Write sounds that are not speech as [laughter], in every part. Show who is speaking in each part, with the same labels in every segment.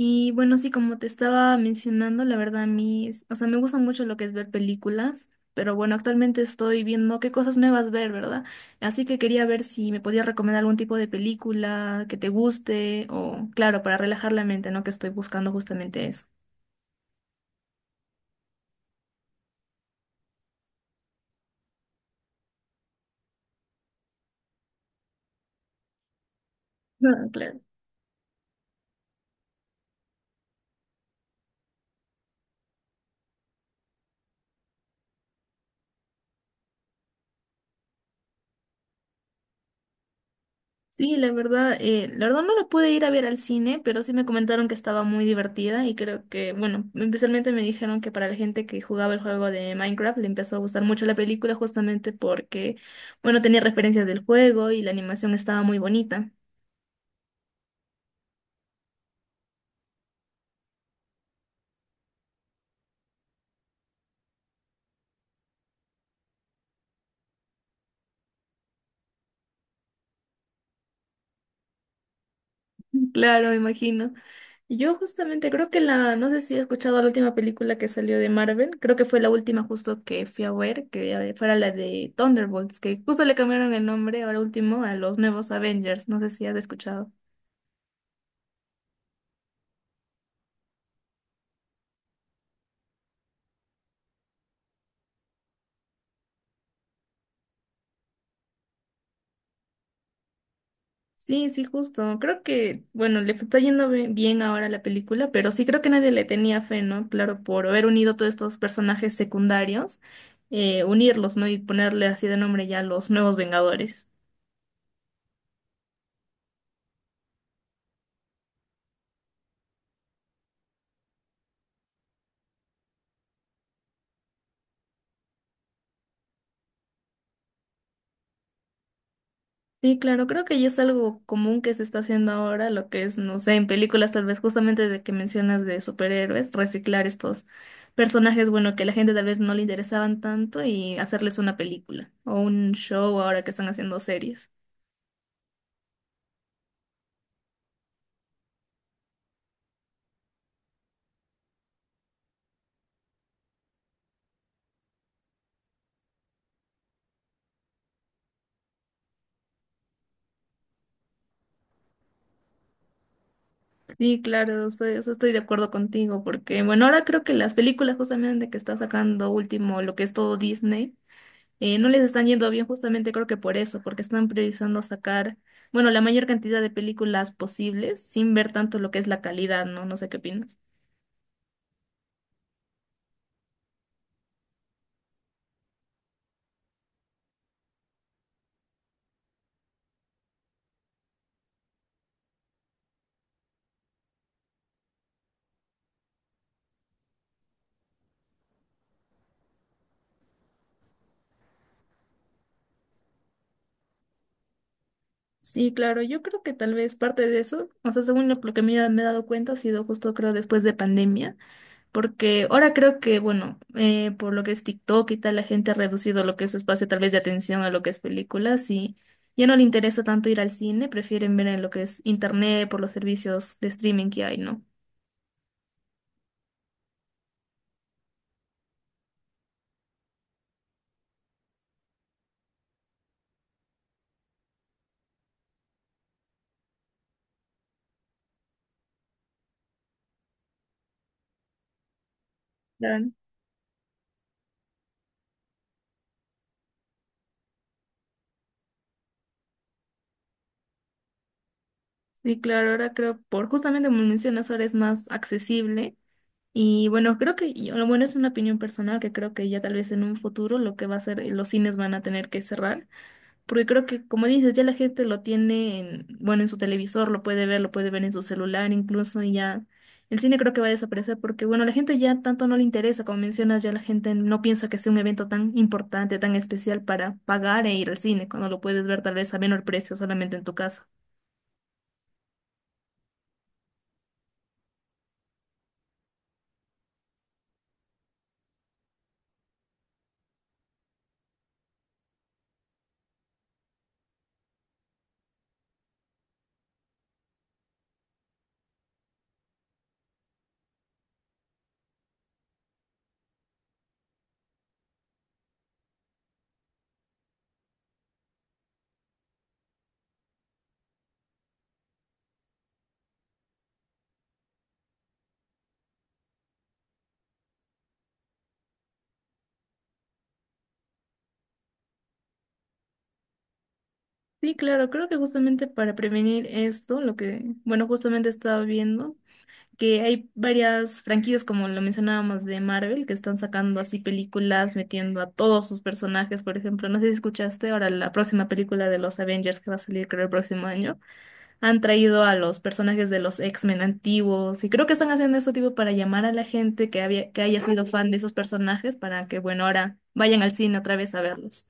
Speaker 1: Y bueno, sí, como te estaba mencionando, la verdad a mí, o sea, me gusta mucho lo que es ver películas, pero bueno, actualmente estoy viendo qué cosas nuevas ver, ¿verdad? Así que quería ver si me podías recomendar algún tipo de película que te guste o, claro, para relajar la mente, ¿no? Que estoy buscando justamente eso. [laughs] Claro. Sí, la verdad no la pude ir a ver al cine, pero sí me comentaron que estaba muy divertida y creo que, bueno, especialmente me dijeron que para la gente que jugaba el juego de Minecraft le empezó a gustar mucho la película justamente porque, bueno, tenía referencias del juego y la animación estaba muy bonita. [laughs] Claro, me imagino. Yo justamente creo que la, no sé si he escuchado la última película que salió de Marvel, creo que fue la última justo que fui a ver, que fuera la de Thunderbolts, que justo le cambiaron el nombre ahora último a los nuevos Avengers, no sé si has escuchado. Sí, sí, justo. Creo que, bueno, le está yendo bien ahora a la película, pero sí creo que nadie le tenía fe, ¿no? Claro, por haber unido todos estos personajes secundarios, unirlos, ¿no? Y ponerle así de nombre ya los nuevos Vengadores. Sí, claro, creo que ya es algo común que se está haciendo ahora, lo que es, no sé, en películas tal vez justamente de que mencionas de superhéroes, reciclar estos personajes, bueno, que a la gente tal vez no le interesaban tanto y hacerles una película o un show ahora que están haciendo series. Sí, claro, estoy, o sea, estoy de acuerdo contigo, porque bueno, ahora creo que las películas justamente que está sacando último, lo que es todo Disney, no les están yendo bien justamente creo que por eso, porque están priorizando sacar, bueno, la mayor cantidad de películas posibles sin ver tanto lo que es la calidad, ¿no? No sé qué opinas. Sí, claro, yo creo que tal vez parte de eso, o sea, según lo que me, me he dado cuenta, ha sido justo creo después de pandemia. Porque ahora creo que, bueno, por lo que es TikTok y tal, la gente ha reducido lo que es su espacio tal vez de atención a lo que es películas y ya no le interesa tanto ir al cine, prefieren ver en lo que es internet por los servicios de streaming que hay, ¿no? Claro. Sí, claro, ahora creo por justamente como mencionas, ahora es más accesible y bueno, creo que y lo bueno es una opinión personal que creo que ya tal vez en un futuro lo que va a ser los cines van a tener que cerrar. Porque creo que, como dices, ya la gente lo tiene en, bueno, en su televisor, lo puede ver en su celular incluso, y ya el cine creo que va a desaparecer porque, bueno, la gente ya tanto no le interesa, como mencionas, ya la gente no piensa que sea un evento tan importante, tan especial para pagar e ir al cine, cuando lo puedes ver tal vez a menor precio solamente en tu casa. Sí, claro, creo que justamente para prevenir esto, lo que, bueno, justamente estaba viendo que hay varias franquicias, como lo mencionábamos, de Marvel, que están sacando así películas, metiendo a todos sus personajes, por ejemplo, no sé si escuchaste, ahora la próxima película de los Avengers que va a salir creo el próximo año, han traído a los personajes de los X-Men antiguos, y creo que están haciendo eso tipo para llamar a la gente que había, que haya sido fan de esos personajes, para que, bueno, ahora vayan al cine otra vez a verlos.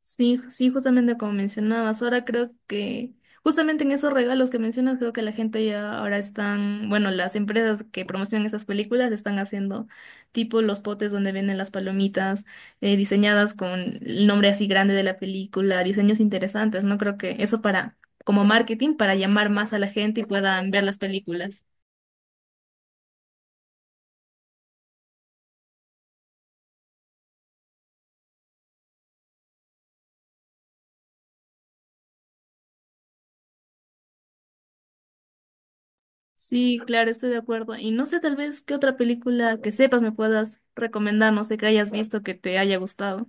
Speaker 1: Sí, sí, justamente como mencionabas, ahora creo que justamente en esos regalos que mencionas, creo que la gente ya ahora están, bueno, las empresas que promocionan esas películas están haciendo tipo los potes donde venden las palomitas diseñadas con el nombre así grande de la película, diseños interesantes, ¿no? Creo que eso para, como marketing, para llamar más a la gente y puedan ver las películas. Sí, claro, estoy de acuerdo. Y no sé, tal vez qué otra película que sepas me puedas recomendar, no sé, que hayas visto que te haya gustado.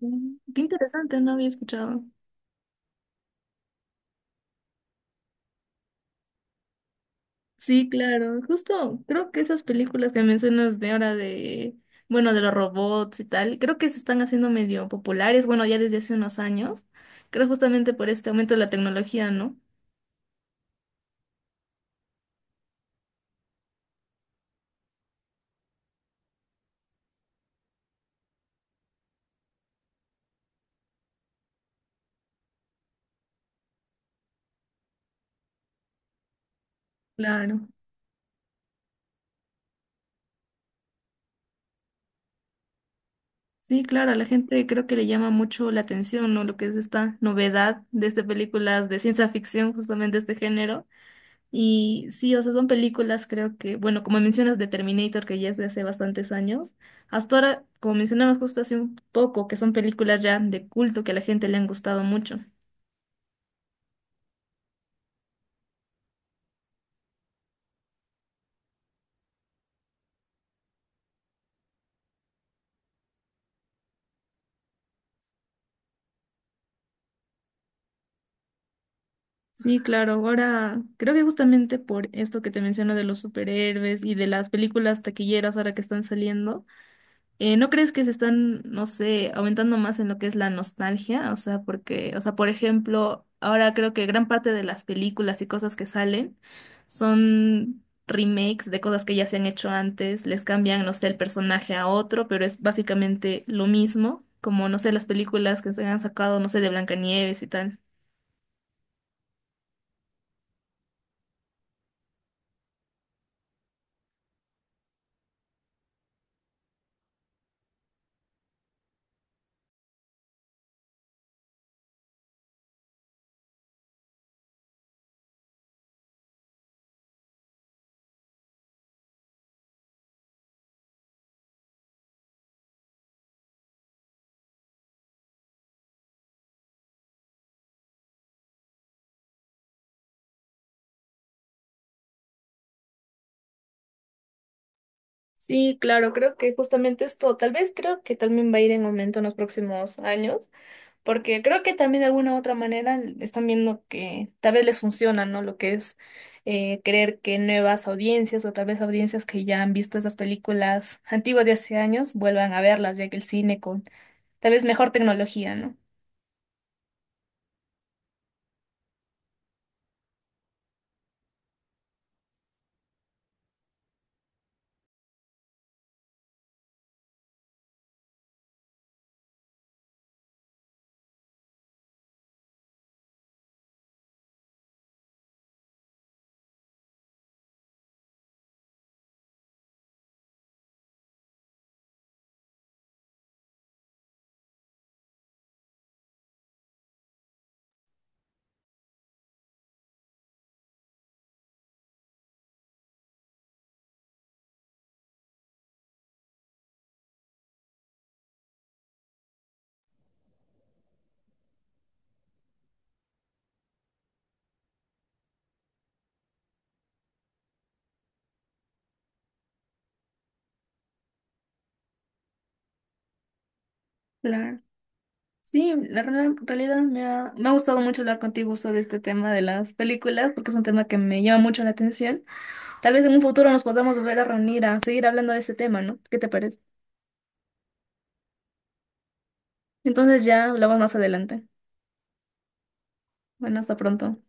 Speaker 1: Mm, qué interesante, no había escuchado. Sí, claro, justo creo que esas películas que mencionas de ahora de, bueno, de los robots y tal, creo que se están haciendo medio populares, bueno, ya desde hace unos años, creo justamente por este aumento de la tecnología, ¿no? Claro. Sí, claro, a la gente creo que le llama mucho la atención, ¿no? Lo que es esta novedad de estas películas de ciencia ficción, justamente este género. Y sí, o sea, son películas, creo que, bueno, como mencionas de Terminator, que ya es de hace bastantes años, hasta ahora, como mencionamos justo hace un poco, que son películas ya de culto que a la gente le han gustado mucho. Sí, claro, ahora creo que justamente por esto que te menciono de los superhéroes y de las películas taquilleras ahora que están saliendo. ¿No crees que se están, no sé, aumentando más en lo que es la nostalgia? O sea, porque, o sea, por ejemplo, ahora creo que gran parte de las películas y cosas que salen son remakes de cosas que ya se han hecho antes, les cambian, no sé, el personaje a otro, pero es básicamente lo mismo, como, no sé, las películas que se han sacado, no sé, de Blancanieves y tal. Sí, claro, creo que justamente esto, tal vez creo que también va a ir en aumento en los próximos años. Porque creo que también de alguna u otra manera están viendo que tal vez les funciona, ¿no? Lo que es creer que nuevas audiencias o tal vez audiencias que ya han visto esas películas antiguas de hace años vuelvan a verlas, ya que el cine con tal vez mejor tecnología, ¿no? Claro. Sí, la en realidad me ha gustado mucho hablar contigo sobre este tema de las películas, porque es un tema que me llama mucho la atención. Tal vez en un futuro nos podamos volver a reunir a seguir hablando de este tema, ¿no? ¿Qué te parece? Entonces ya hablamos más adelante. Bueno, hasta pronto.